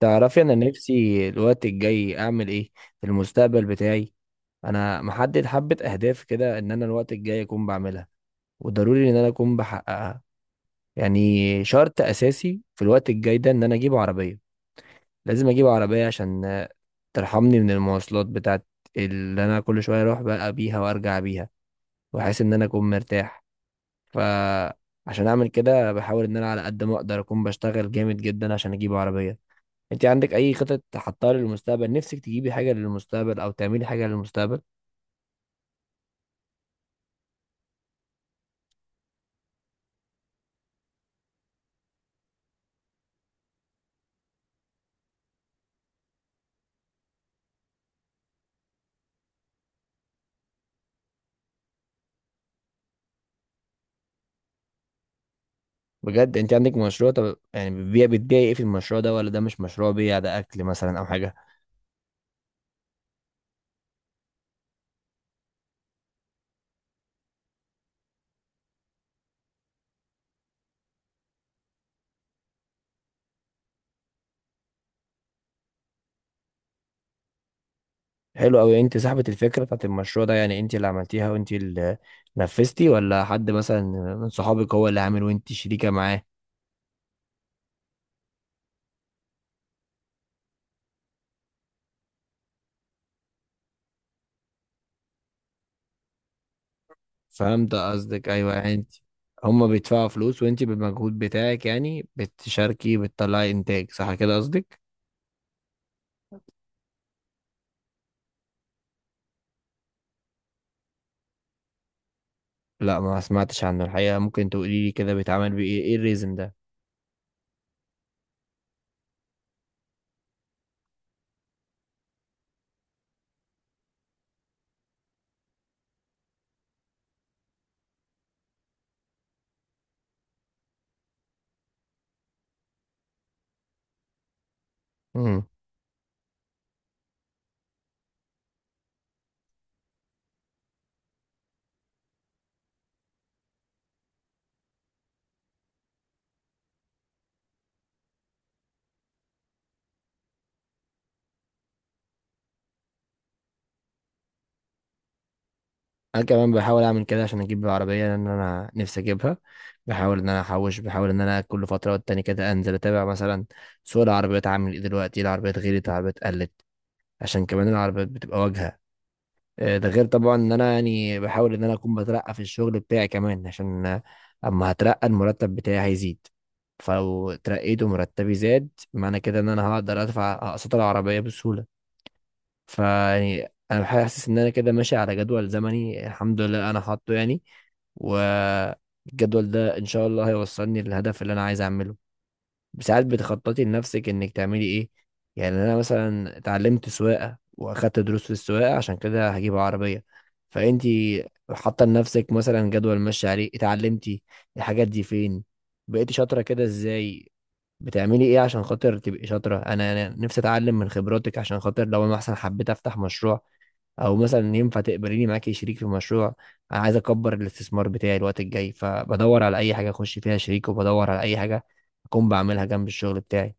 تعرفي انا نفسي الوقت الجاي اعمل ايه في المستقبل بتاعي؟ انا محدد حبة اهداف كده ان انا الوقت الجاي اكون بعملها، وضروري ان انا اكون بحققها، يعني شرط اساسي في الوقت الجاي ده ان انا اجيب عربية. لازم اجيب عربية عشان ترحمني من المواصلات بتاعت اللي انا كل شوية اروح بقى بيها وارجع بيها، واحس ان انا اكون مرتاح. فعشان اعمل كده بحاول ان انا على قد ما اقدر اكون بشتغل جامد جدا عشان اجيب عربية. انت عندك اي خطط حطها للمستقبل؟ نفسك تجيبي حاجه للمستقبل او تعملي حاجه للمستقبل؟ بجد انت عندك مشروع؟ طب يعني بتبيعي ايه في المشروع ده؟ ولا ده مش مشروع بيع، ده اكل مثلا او حاجه؟ حلو قوي. انت صاحبه الفكره بتاعت المشروع ده؟ يعني انت اللي عملتيها وانت اللي نفذتي، ولا حد مثلا من صحابك هو اللي عامل وانت شريكه معاه؟ فهمت قصدك، ايوه. يعني انت هما بيدفعوا فلوس وانت بالمجهود بتاعك يعني بتشاركي، بتطلعي انتاج، صح كده قصدك؟ لا ما سمعتش عنه الحقيقة. ممكن تقولي لي كده بيتعمل بإيه، إيه الريزن ده؟ مم. أنا كمان بحاول أعمل كده عشان أجيب العربية، لأن أنا نفسي أجيبها. بحاول إن أنا أحوش، بحاول إن أنا كل فترة والتانية كده أنزل أتابع مثلا سوق العربيات عامل إيه دلوقتي، العربيات غليت، العربيات قلت، عشان كمان العربيات بتبقى واجهة. ده غير طبعا إن أنا يعني بحاول إن أنا أكون بترقى في الشغل بتاعي كمان، عشان أما هترقى المرتب بتاعي هيزيد. فلو اترقيت ومرتبي زاد، معنى كده إن أنا هقدر أدفع أقساط العربية بسهولة. فيعني انا حاسس ان انا كده ماشي على جدول زمني، الحمد لله انا حاطه يعني، والجدول ده ان شاء الله هيوصلني للهدف اللي انا عايز اعمله. ساعات بتخططي لنفسك انك تعملي ايه؟ يعني انا مثلا اتعلمت سواقه واخدت دروس في السواقه عشان كده هجيب عربيه. فانتي حاطه لنفسك مثلا جدول ماشي عليه؟ اتعلمتي الحاجات دي فين؟ بقيتي شاطره كده ازاي؟ بتعملي ايه عشان خاطر تبقي شاطرة؟ انا نفسي اتعلم من خبراتك، عشان خاطر لو انا مثلا حبيت افتح مشروع، او مثلا ينفع تقبليني معاكي شريك في مشروع. انا عايز اكبر الاستثمار بتاعي الوقت الجاي، فبدور على اي حاجة اخش فيها شريك، وبدور على اي حاجة اكون بعملها جنب الشغل بتاعي.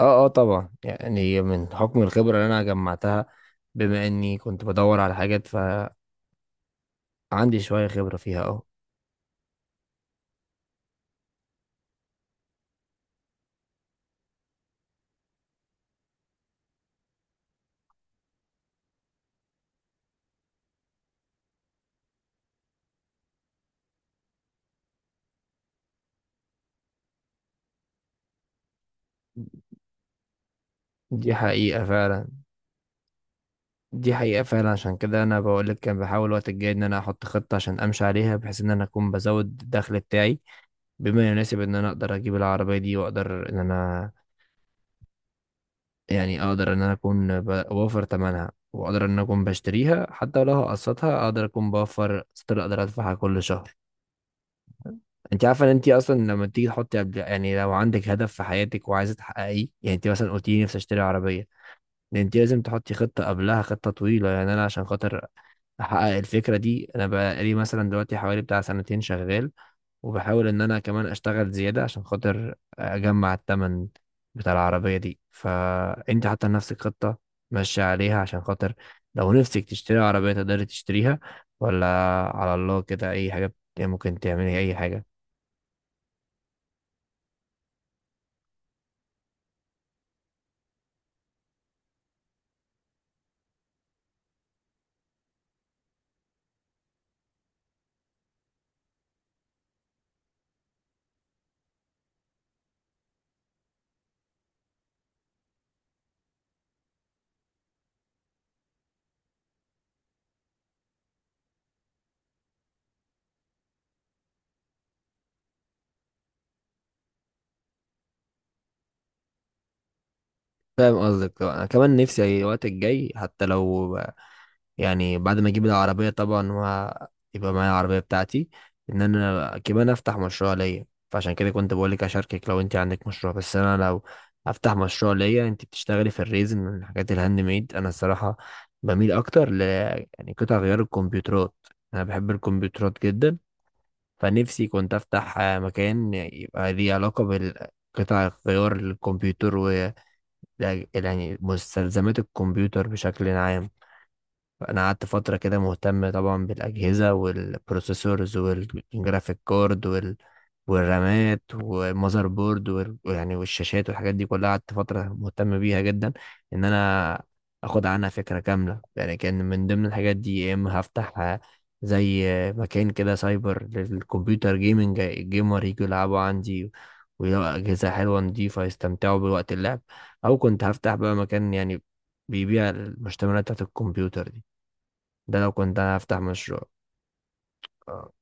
اه اه، طبعا يعني من حكم الخبرة اللي انا جمعتها، بما اني كنت بدور على حاجات فعندي شوية خبرة فيها، اه. دي حقيقة فعلا، دي حقيقة فعلا. عشان كده أنا بقولك كان بحاول الوقت الجاي إن أنا أحط خطة عشان أمشي عليها، بحيث إن أنا أكون بزود الدخل بتاعي بما يناسب إن أنا أقدر أجيب العربية دي، وأقدر إن أنا يعني أقدر إن أنا أكون بوفر تمنها، وأقدر إن أنا أكون بشتريها. حتى لو هقسطها أقدر أكون بوفر ستيل أقدر أدفعها كل شهر. أنت عارفة إن أنت أصلا لما تيجي تحطي قبل، يعني لو عندك هدف في حياتك وعايزة تحققيه، يعني أنت مثلا قلتي لي نفسي أشتري عربية، ده أنت لازم تحطي خطة قبلها، خطة طويلة. يعني أنا عشان خاطر احقق الفكره دي انا بقالي مثلا دلوقتي حوالي بتاع سنتين شغال، وبحاول ان انا كمان اشتغل زياده عشان خاطر اجمع التمن بتاع العربيه دي. فانت حاطه لنفسك خطه ماشيه عليها عشان خاطر لو نفسك تشتري عربيه تقدري تشتريها، ولا على الله كده اي حاجه ممكن تعملي اي حاجه؟ فاهم قصدك طبعاً. انا كمان نفسي الوقت الجاي، حتى لو يعني بعد ما اجيب العربية طبعا ويبقى معايا العربية بتاعتي، ان انا كمان افتح مشروع ليا. فعشان كده كنت بقولك اشاركك لو انت عندك مشروع، بس انا لو افتح مشروع ليا، انت بتشتغلي في الريزن من الحاجات الهاند ميد، انا الصراحة بميل اكتر ل يعني قطع غيار الكمبيوترات. انا بحب الكمبيوترات جدا. فنفسي كنت افتح مكان يبقى ليه علاقة بالقطع غيار الكمبيوتر و يعني مستلزمات الكمبيوتر بشكل عام. فانا قعدت فتره كده مهتم طبعا بالاجهزه والبروسيسورز والجرافيك كارد والرامات والمذر بورد ويعني والشاشات والحاجات دي كلها، قعدت فتره مهتم بيها جدا ان انا اخد عنها فكره كامله. يعني كان من ضمن الحاجات دي يا اما هفتح زي مكان كده سايبر للكمبيوتر جيمنج، الجيمر يجوا يلعبوا عندي ويلاقوا اجهزه حلوه نضيفه يستمتعوا بوقت اللعب، او كنت هفتح بقى مكان يعني بيبيع المشتملات بتاعت الكمبيوتر دي. ده لو كنت انا هفتح مشروع. اه.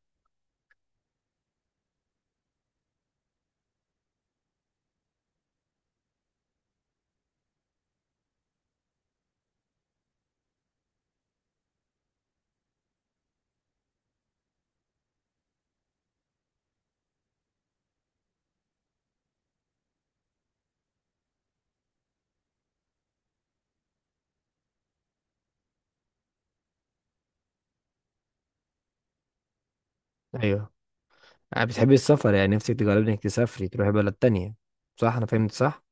ايوه، انا بتحبي السفر يعني؟ نفسك تجربي انك تسافري تروحي بلد تانية، صح؟ انا فهمت صح؟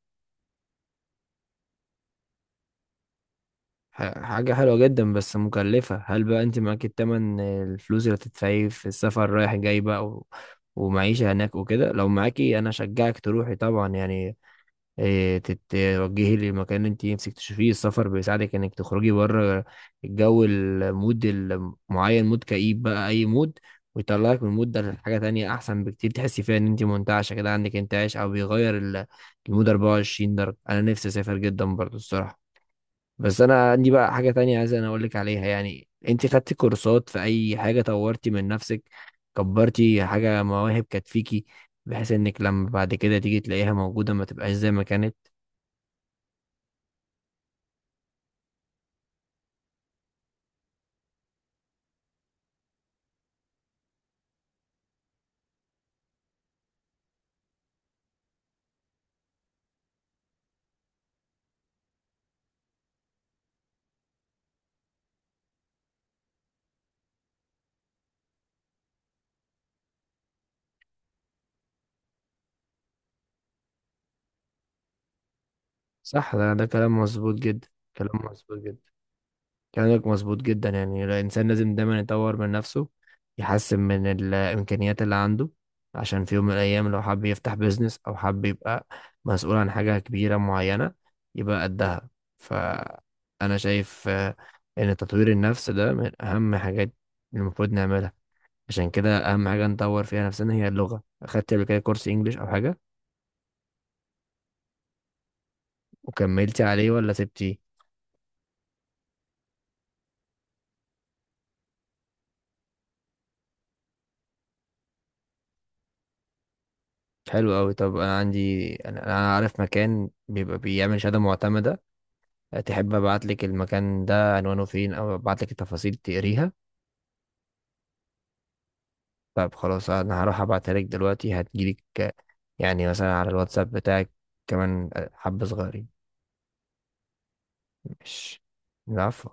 حاجة حلوة جدا بس مكلفة. هل بقى انت معاكي التمن، الفلوس اللي هتدفعيه في السفر رايح جاي بقى ومعيشة هناك وكده؟ لو معاكي انا اشجعك تروحي طبعا، يعني توجهي لمكان انت نفسك تشوفيه. السفر بيساعدك انك تخرجي بره الجو، المود المعين، مود كئيب بقى اي مود، ويطلعك من المود ده لحاجة تانية احسن بكتير تحسي فيها ان انت منتعشة كده، عندك انتعاش، او بيغير المود. 24 درجة، انا نفسي اسافر جدا برضو الصراحة. بس انا عندي بقى حاجة تانية عايز انا اقول لك عليها. يعني انت خدتي كورسات في اي حاجة؟ طورتي من نفسك؟ كبرتي حاجة مواهب كانت فيكي، بحيث انك لما بعد كده تيجي تلاقيها موجودة ما تبقاش زي ما كانت؟ صح، ده كلام مظبوط جدا. كلام مظبوط جدا، كلامك مظبوط جدا. يعني الإنسان لازم دايما يطور من نفسه، يحسن من الإمكانيات اللي عنده، عشان في يوم من الأيام لو حب يفتح بيزنس، أو حب يبقى مسؤول عن حاجة كبيرة معينة، يبقى قدها. فأنا شايف إن تطوير النفس ده من أهم حاجات اللي المفروض نعملها. عشان كده أهم حاجة نطور فيها نفسنا هي اللغة. أخدت قبل كده كورس إنجليش أو حاجة؟ وكملتي عليه ولا سبتيه؟ حلو قوي. طب انا عارف مكان بيبقى بيعمل شهاده معتمده. تحب ابعت لك المكان ده عنوانه فين، او ابعت لك التفاصيل تقريها؟ طب خلاص، انا هروح ابعتها لك دلوقتي هتجيلك يعني مثلا على الواتساب بتاعك كمان حبه صغيرين. مش العفو.